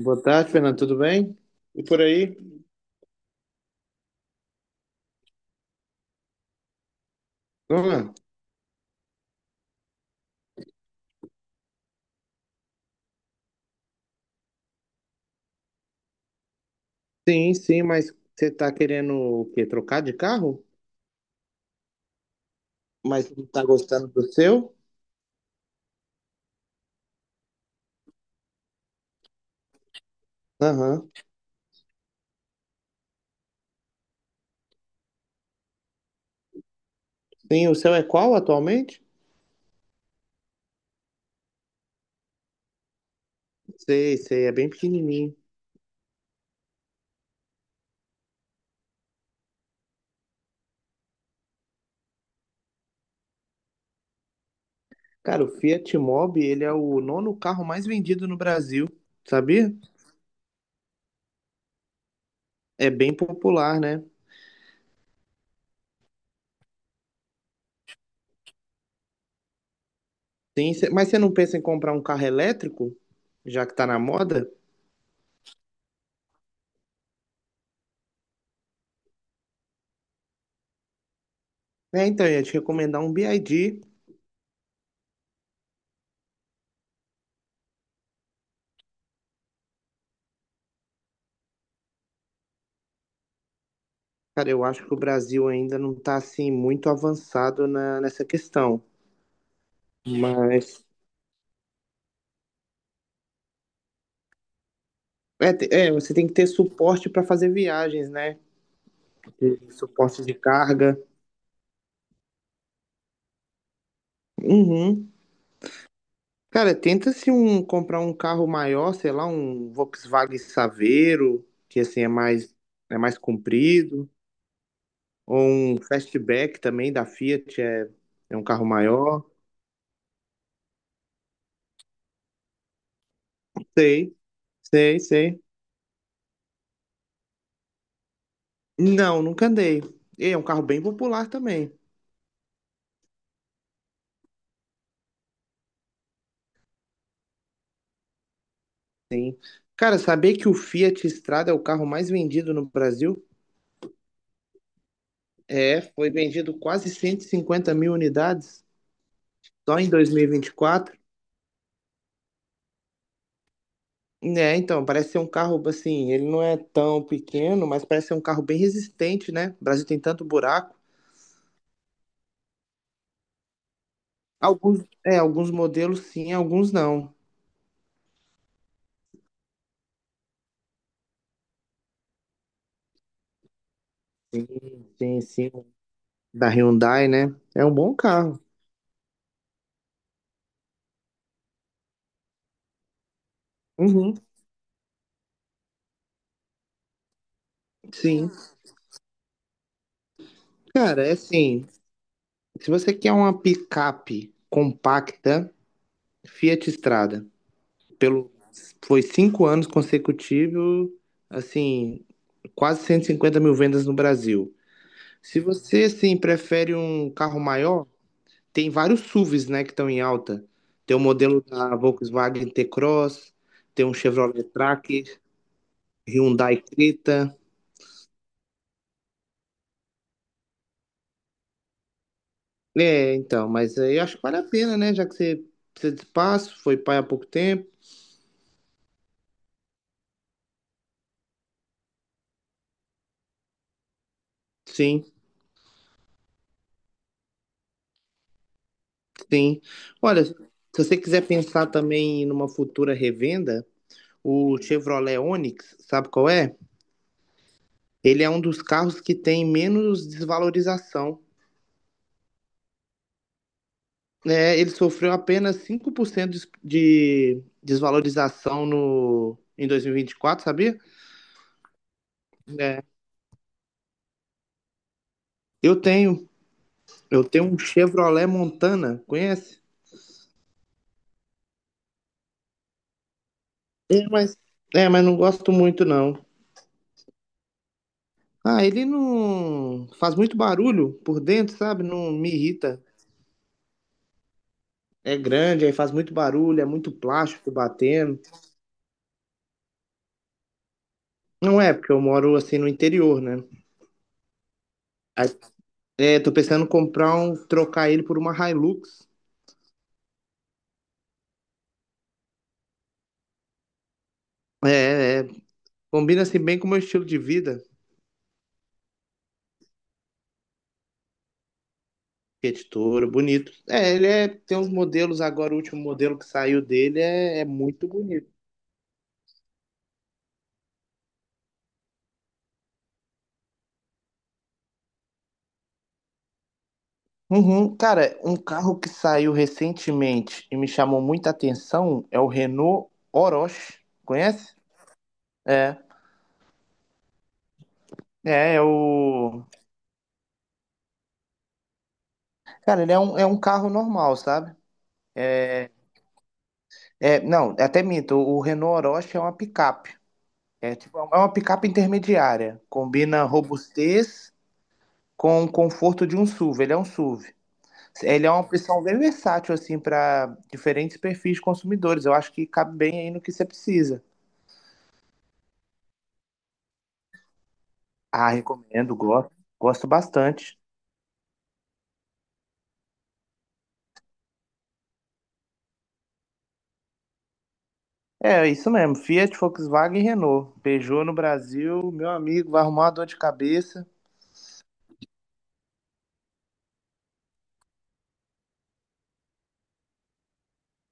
Boa tarde, Fernando. Tudo bem? E por aí? Ah, sim, sim, mas você tá querendo o quê? Trocar de carro? Mas não tá gostando do seu? Aham. Sim, o seu é qual atualmente? Sei, sei, é bem pequenininho. Cara, o Fiat Mobi, ele é o nono carro mais vendido no Brasil, sabia? É bem popular, né? Sim, mas você não pensa em comprar um carro elétrico, já que tá na moda? É, então, eu ia te recomendar um BYD. Cara, eu acho que o Brasil ainda não está assim muito avançado nessa questão, mas você tem que ter suporte para fazer viagens, né? Ter suporte de carga. Uhum. Cara, tenta se um comprar um carro maior, sei lá, um Volkswagen Saveiro, que assim é mais comprido, ou um Fastback também da Fiat é um carro maior. Sei, sei. Não, nunca andei. E é um carro bem popular também. Cara, saber que o Fiat Strada é o carro mais vendido no Brasil? É, foi vendido quase 150 mil unidades só em 2024. É, então, parece ser um carro, assim, ele não é tão pequeno, mas parece ser um carro bem resistente, né? O Brasil tem tanto buraco. Alguns, é, alguns modelos sim, alguns não. Sim. Da Hyundai, né? É um bom carro. Uhum, sim. Cara, é assim, se você quer uma picape compacta, Fiat Strada. Pelo, foi cinco anos consecutivos, assim, quase 150 mil vendas no Brasil. Se você, assim, prefere um carro maior, tem vários SUVs, né, que estão em alta. Tem o modelo da Volkswagen T-Cross, tem um Chevrolet Tracker, Hyundai Creta. É, então, mas aí eu acho que vale a pena, né, já que você precisa de espaço, foi pai há pouco tempo. Sim, sim. Olha, se você quiser pensar também numa futura revenda, o Chevrolet Onix, sabe qual é? Ele é um dos carros que tem menos desvalorização. É, ele sofreu apenas 5% de desvalorização no, em 2024, sabia? É, eu tenho, eu tenho um Chevrolet Montana, conhece? É, mas, mas não gosto muito não. Ah, ele não faz muito barulho por dentro, sabe? Não me irrita. É grande, aí faz muito barulho, é muito plástico batendo. Não é, porque eu moro assim no interior, né? Aí, tô pensando em comprar um, trocar ele por uma Hilux. É. Combina assim bem com o meu estilo de vida. Fiat Toro, bonito. É, ele é, tem uns modelos agora, o último modelo que saiu dele é muito bonito. Uhum. Cara, um carro que saiu recentemente e me chamou muita atenção é o Renault Oroch. Conhece? É. É, é o. Cara, ele é um carro normal, sabe? É, não, até minto, o Renault Oroch é uma picape. É tipo, é uma picape intermediária. Combina robustez com o conforto de um SUV. Ele é um SUV. Ele é uma opção bem versátil, assim, para diferentes perfis de consumidores. Eu acho que cabe bem aí no que você precisa. Ah, recomendo, gosto, gosto bastante. É, é isso mesmo. Fiat, Volkswagen e Renault. Peugeot no Brasil, meu amigo, vai arrumar uma dor de cabeça.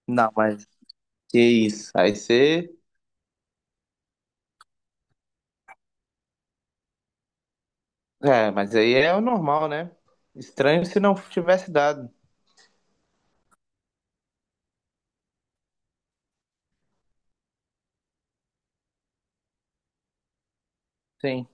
Não, mas que isso. Aí você. É, mas aí é o normal, né? Estranho se não tivesse dado. Sim.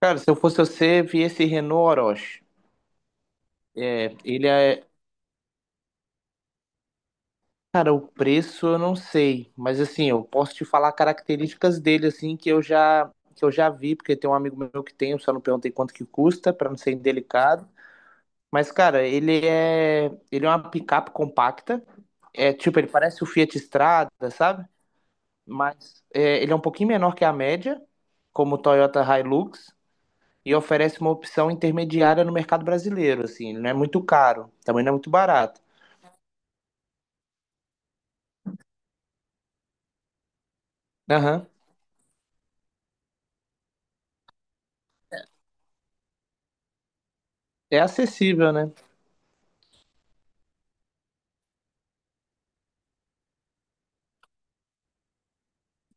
Cara, se eu fosse você, vi esse Renault Orochi. É, ele é. Cara, o preço eu não sei, mas assim, eu posso te falar características dele, assim, que eu já vi, porque tem um amigo meu que tem, eu só não perguntei quanto que custa, pra não ser indelicado. Mas, cara, ele é. Ele é uma picape compacta. É tipo, ele parece o Fiat Strada, sabe? Mas é, ele é um pouquinho menor que a média, como o Toyota Hilux. E oferece uma opção intermediária no mercado brasileiro, assim, não é muito caro, também não é muito barato. Aham. É acessível, né?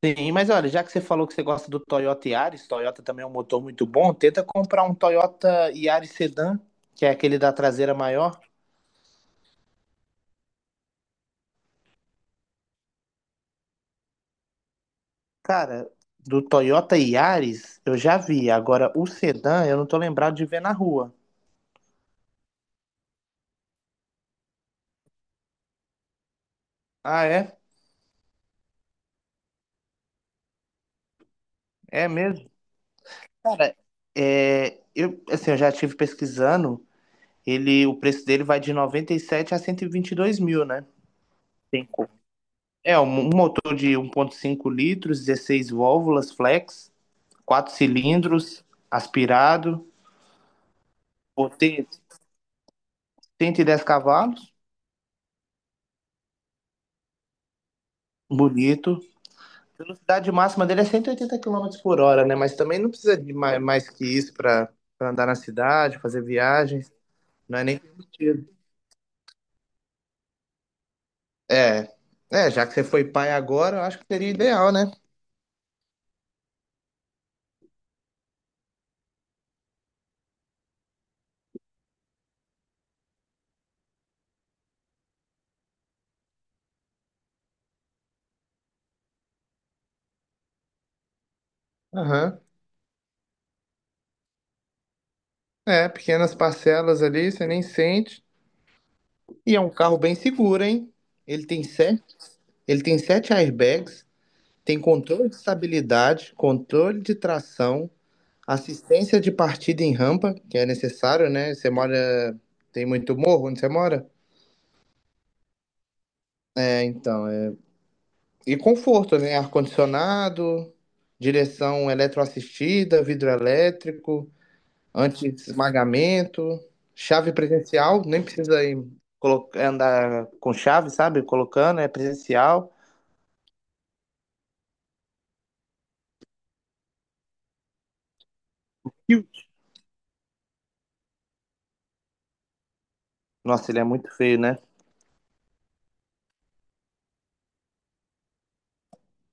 Sim, mas olha, já que você falou que você gosta do Toyota Yaris, Toyota também é um motor muito bom, tenta comprar um Toyota Yaris Sedan, que é aquele da traseira maior. Cara, do Toyota Yaris eu já vi, agora o Sedan eu não tô lembrado de ver na rua. Ah, é? É mesmo? Cara, é, eu, assim, eu já estive pesquisando ele, o preço dele vai de 97 a 122 mil, né? Tem como. É, um motor de 1.5 litros, 16 válvulas flex, 4 cilindros, aspirado, potente, 110 cavalos, bonito. A velocidade máxima dele é 180 quilômetros por hora, né? Mas também não precisa de mais que isso para andar na cidade, fazer viagens. Não é nem permitido. É, já que você foi pai agora, eu acho que seria ideal, né? Aham. É, pequenas parcelas ali, você nem sente. E é um carro bem seguro, hein? Ele tem sete, ele tem sete airbags, tem controle de estabilidade, controle de tração, assistência de partida em rampa, que é necessário, né? Tem muito morro onde você mora? É, então, é... E conforto, né? Ar-condicionado, direção eletroassistida, vidro elétrico, anti-esmagamento, chave presencial, nem precisa ir andar com chave, sabe? Colocando, é presencial. E o Nossa, ele é muito feio, né?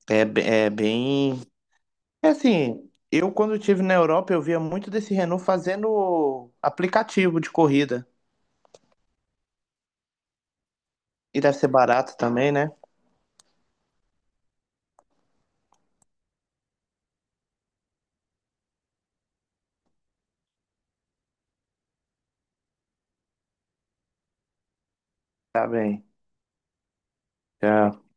É bem. É assim, eu quando estive na Europa, eu via muito desse Renault fazendo aplicativo de corrida. E deve ser barato também, né? Tá bem. Tchau.